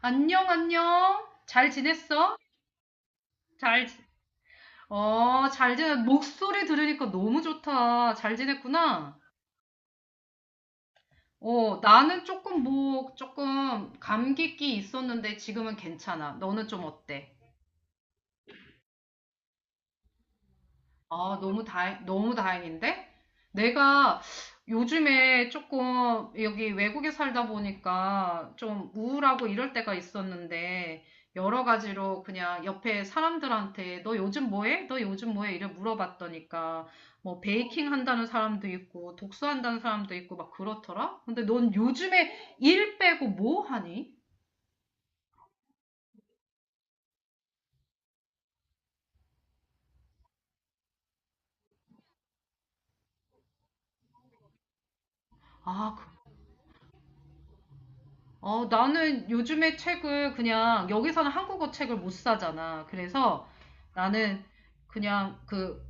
안녕, 안녕. 잘 지냈어? 잘, 지- 잘 지내. 목소리 들으니까 너무 좋다. 잘 지냈구나. 나는 조금 뭐, 조금 감기기 있었는데 지금은 괜찮아. 너는 좀 어때? 아, 너무 다행, 너무 다행인데? 내가 요즘에 조금 여기 외국에 살다 보니까 좀 우울하고 이럴 때가 있었는데, 여러 가지로 그냥 옆에 사람들한테 너 요즘 뭐 해? 너 요즘 뭐 해? 이래 물어봤더니까, 뭐 베이킹 한다는 사람도 있고, 독서한다는 사람도 있고, 막 그렇더라? 근데 넌 요즘에 일 빼고 뭐 하니? 아, 나는 요즘에 책을 그냥 여기서는 한국어 책을 못 사잖아. 그래서 나는 그냥 그,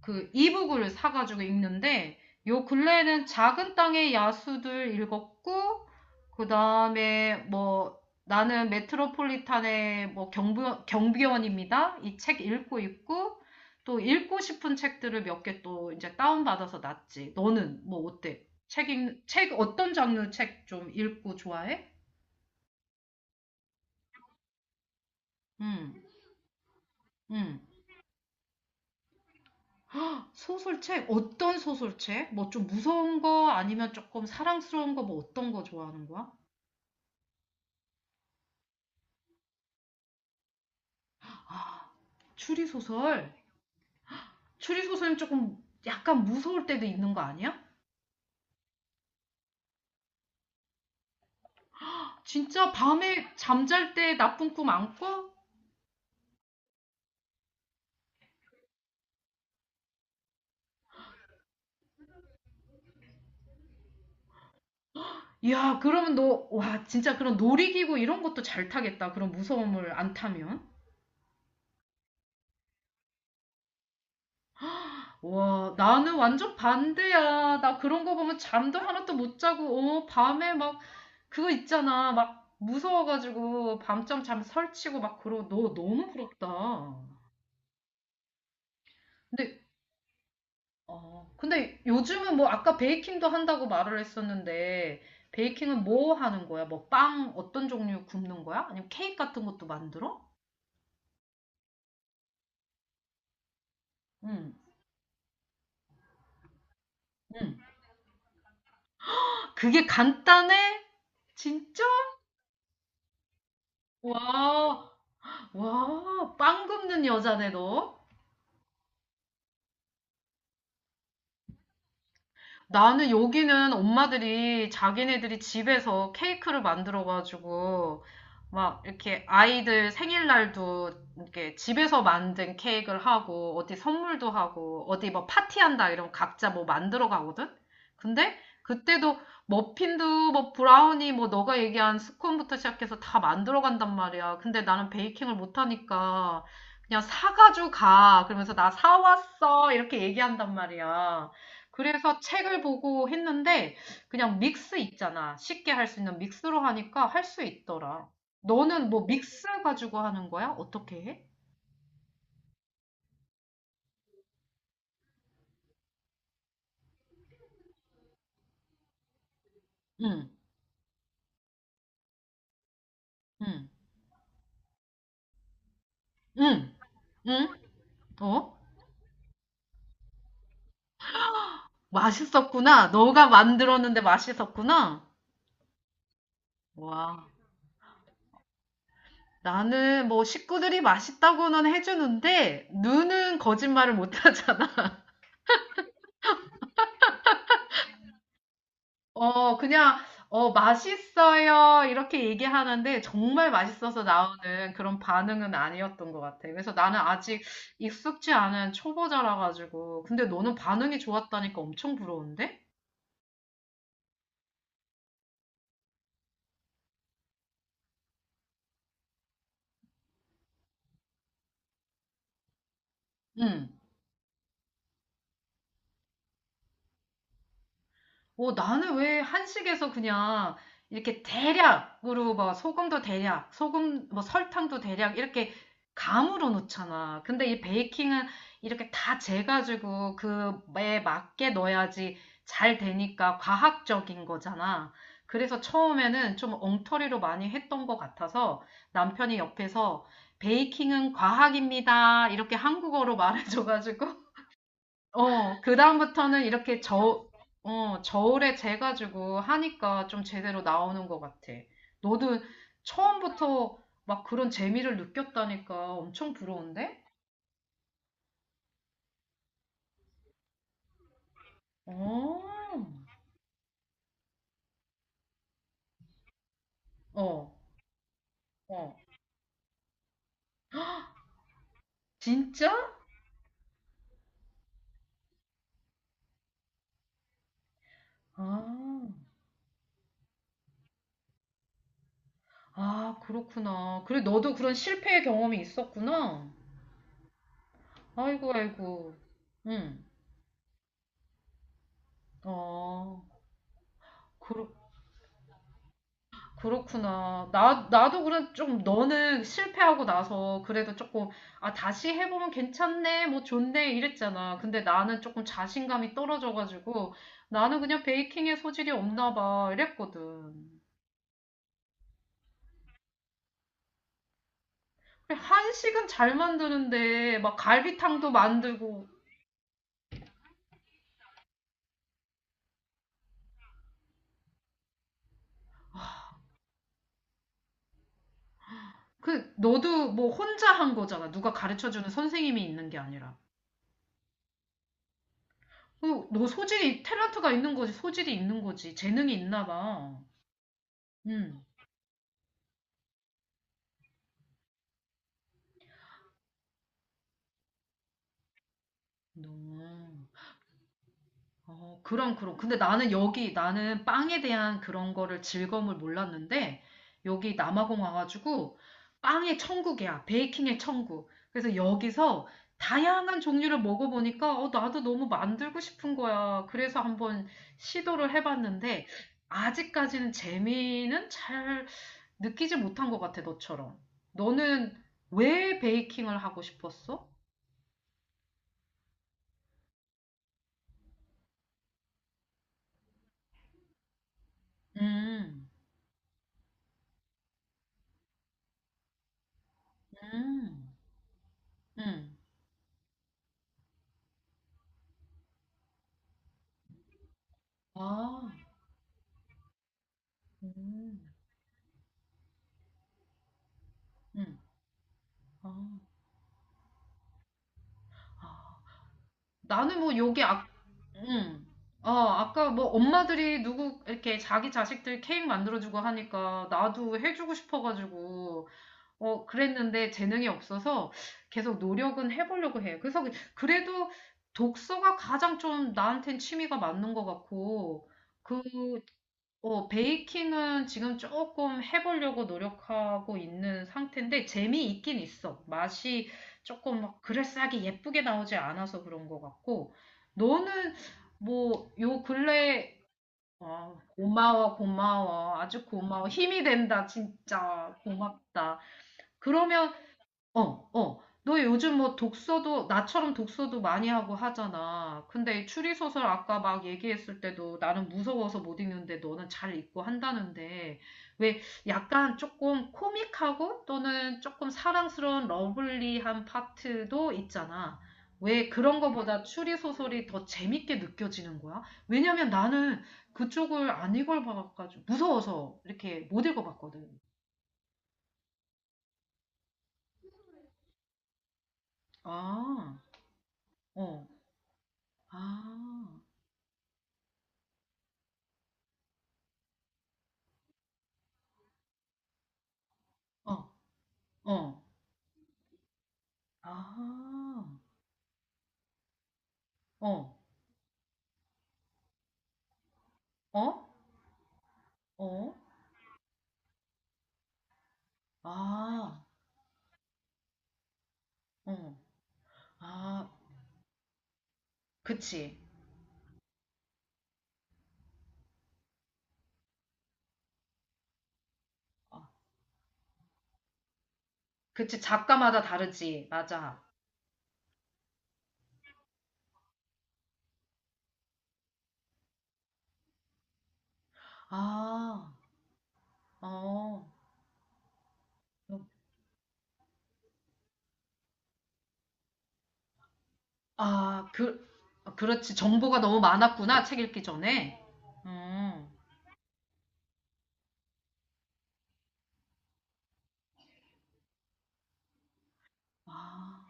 그 이북을 사가지고 읽는데 요 근래에는 작은 땅의 야수들 읽었고 그 다음에 뭐 나는 메트로폴리탄의 뭐 경비원입니다. 이 책 읽고 있고 또 읽고 싶은 책들을 몇 개 또 이제 다운받아서 놨지. 너는 뭐 어때? 책 어떤 장르 책 좀 읽고 좋아해? 음, 음. 소설책? 어떤 소설책? 뭐 좀 무서운 거 아니면 조금 사랑스러운 거 뭐 어떤 거 좋아하는 거야? 아, 추리소설? 추리소설은 조금 약간 무서울 때도 있는 거 아니야? 진짜 밤에 잠잘 때 나쁜 꿈 안 꿔? 이 야, 그러면 너, 와, 진짜 그런 놀이기구 이런 것도 잘 타겠다. 그런 무서움을 안 타면. 와, 나는 완전 반대야. 나 그런 거 보면 잠도 하나도 못 자고, 어, 밤에 막, 그거 있잖아. 막, 무서워가지고, 밤잠 잠 설치고 막 그러고, 너 너무 부럽다. 근데, 어, 근데 요즘은 뭐, 아까 베이킹도 한다고 말을 했었는데, 베이킹은 뭐 하는 거야? 뭐, 빵 어떤 종류 굽는 거야? 아니면 케이크 같은 것도 만들어? 응, 응. 그게 간단해? 진짜? 와, 와, 빵 굽는 여자네, 너. 나는 여기는 엄마들이 자기네들이 집에서 케이크를 만들어가지고 막 이렇게 아이들 생일날도 이렇게 집에서 만든 케이크를 하고 어디 선물도 하고 어디 뭐 파티한다 이러면 각자 뭐 만들어 가거든? 근데 그때도 머핀도 뭐 브라우니 뭐 너가 얘기한 스콘부터 시작해서 다 만들어 간단 말이야. 근데 나는 베이킹을 못하니까 그냥 사가지고 가. 그러면서 나 사왔어. 이렇게 얘기한단 말이야. 그래서 책을 보고 했는데 그냥 믹스 있잖아. 쉽게 할 수 있는 믹스로 하니까 할 수 있더라. 너는 뭐 믹스 가지고 하는 거야? 어떻게 해? 응, 응, 응, 응? 어? 맛있었구나. 너가 만들었는데 맛있었구나. 와. 나는 뭐 식구들이 맛있다고는 해주는데 눈은 거짓말을 못 하잖아. 어, 그냥, 어, 맛있어요. 이렇게 얘기하는데 정말 맛있어서 나오는 그런 반응은 아니었던 것 같아. 그래서 나는 아직 익숙지 않은 초보자라 가지고. 근데 너는 반응이 좋았다니까 엄청 부러운데? 응. 나는 왜 한식에서 그냥 이렇게 대략으로 막 소금도 대략, 소금, 뭐 설탕도 대략 이렇게 감으로 넣잖아. 근데 이 베이킹은 이렇게 다 재가지고 그에 맞게 넣어야지 잘 되니까 과학적인 거잖아. 그래서 처음에는 좀 엉터리로 많이 했던 것 같아서 남편이 옆에서 베이킹은 과학입니다. 이렇게 한국어로 말해줘가지고 그다음부터는 이렇게 저울에 재가지고 하니까 좀 제대로 나오는 것 같아. 너도 처음부터 막 그런 재미를 느꼈다니까 엄청 부러운데? 어, 어, 어. 진짜? 아, 아, 그렇구나. 그래, 너도 그런 실패의 경험이 있었구나. 아이고, 아이고. 응, 어, 그 그렇구나. 나도 그래, 좀 너는 실패하고 나서 그래도 조금, 아, 다시 해보면 괜찮네, 뭐 좋네, 이랬잖아. 근데 나는 조금 자신감이 떨어져가지고, 나는 그냥 베이킹에 소질이 없나 봐, 이랬거든. 그래, 한식은 잘 만드는데, 막 갈비탕도 만들고, 너도 뭐 혼자 한 거잖아. 누가 가르쳐주는 선생님이 있는 게 아니라. 너 소질이, 탤런트가 있는 거지, 소질이 있는 거지. 재능이 있나 봐. 응. 음. 어, 그럼, 그럼. 근데 나는 나는 빵에 대한 그런 거를 즐거움을 몰랐는데, 여기 남아공 와가지고, 빵의 천국이야. 베이킹의 천국. 그래서 여기서 다양한 종류를 먹어보니까, 나도 너무 만들고 싶은 거야. 그래서 한번 시도를 해봤는데, 아직까지는 재미는 잘 느끼지 못한 것 같아, 너처럼. 너는 왜 베이킹을 하고 싶었어? 음, 음, 음. 아, 음. 응. 아, 아. 나는 뭐 여기 아, 응. 아까 뭐 엄마들이 누구 이렇게 자기 자식들 케이크 만들어주고 하니까 나도 해주고 싶어가지고 그랬는데 재능이 없어서 계속 노력은 해보려고 해. 그래서 그래도 독서가 가장 좀 나한텐 취미가 맞는 것 같고 그 베이킹은 지금 조금 해보려고 노력하고 있는 상태인데 재미있긴 있어. 맛이 조금 막 그럴싸하게 예쁘게 나오지 않아서 그런 것 같고 너는 뭐 요 근래 어, 고마워 고마워 아주 고마워 힘이 된다 진짜 고맙다. 그러면 어, 어. 너 요즘 뭐 독서도, 나처럼 독서도 많이 하고 하잖아. 근데 이 추리소설 아까 막 얘기했을 때도 나는 무서워서 못 읽는데 너는 잘 읽고 한다는데, 왜 약간 조금 코믹하고 또는 조금 사랑스러운 러블리한 파트도 있잖아. 왜 그런 거보다 추리소설이 더 재밌게 느껴지는 거야? 왜냐면 나는 그쪽을 안 읽어봐가지고, 무서워서 이렇게 못 읽어봤거든. 아, 어, 아. 어. 어. 아. 어. 어? 어? 아. 어. 아. 그치. 어, 그치. 작가마다 다르지. 맞아. 아. 어. 아, 그렇지. 정보가 너무 많았구나. 책 읽기 전에. 음. 아.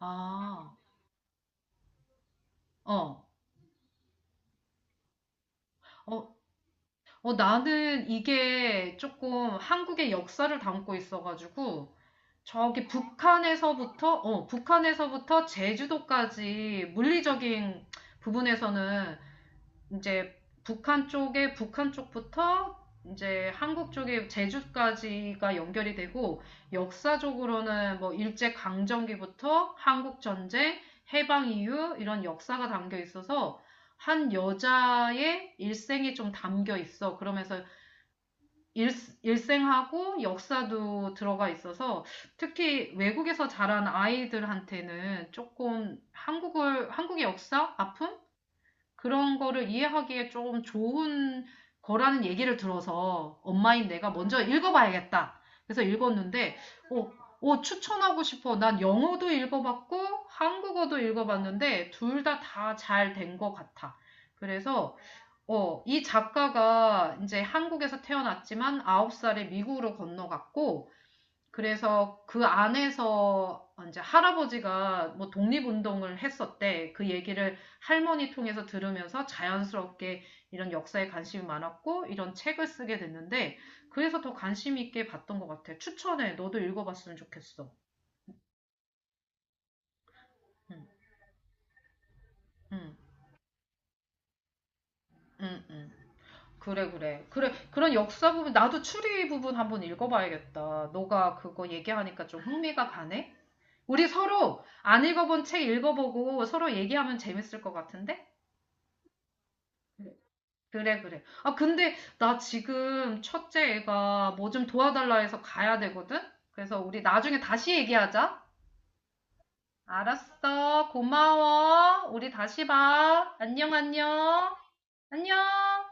아. 어. 어, 어, 나는 이게 조금 한국의 역사를 담고 있어가지고, 저기 북한에서부터 제주도까지 물리적인 부분에서는 이제 북한 쪽부터 이제 한국 쪽에 제주까지가 연결이 되고 역사적으로는 뭐 일제 강점기부터 한국 전쟁, 해방 이후 이런 역사가 담겨 있어서 한 여자의 일생이 좀 담겨 있어. 그러면서 일, 일생하고 역사도 들어가 있어서 특히 외국에서 자란 아이들한테는 조금 한국의 역사, 아픔? 그런 거를 이해하기에 조금 좋은 거라는 얘기를 들어서 엄마인 내가 먼저 읽어봐야겠다. 그래서 읽었는데, 어, 어, 추천하고 싶어. 난 영어도 읽어봤고, 한국어도 읽어봤는데, 둘 다 다 잘 된 것 같아. 그래서 이 작가가 이제 한국에서 태어났지만 9살에 미국으로 건너갔고, 그래서 그 안에서 이제 할아버지가 뭐 독립운동을 했었대. 그 얘기를 할머니 통해서 들으면서 자연스럽게 이런 역사에 관심이 많았고, 이런 책을 쓰게 됐는데, 그래서 더 관심 있게 봤던 것 같아. 추천해. 너도 읽어봤으면 좋겠어. 응, 응, 응, 응. 그래, 그래. 그래, 그런 역사 부분, 나도 추리 부분 한번 읽어봐야겠다. 너가 그거 얘기하니까 좀 흥미가 가네? 우리 서로 안 읽어본 책 읽어보고 서로 얘기하면 재밌을 것 같은데? 그래, 그래. 아, 근데 나 지금 첫째 애가 뭐 좀 도와달라 해서 가야 되거든? 그래서 우리 나중에 다시 얘기하자. 알았어. 고마워. 우리 다시 봐. 안녕, 안녕. 안녕.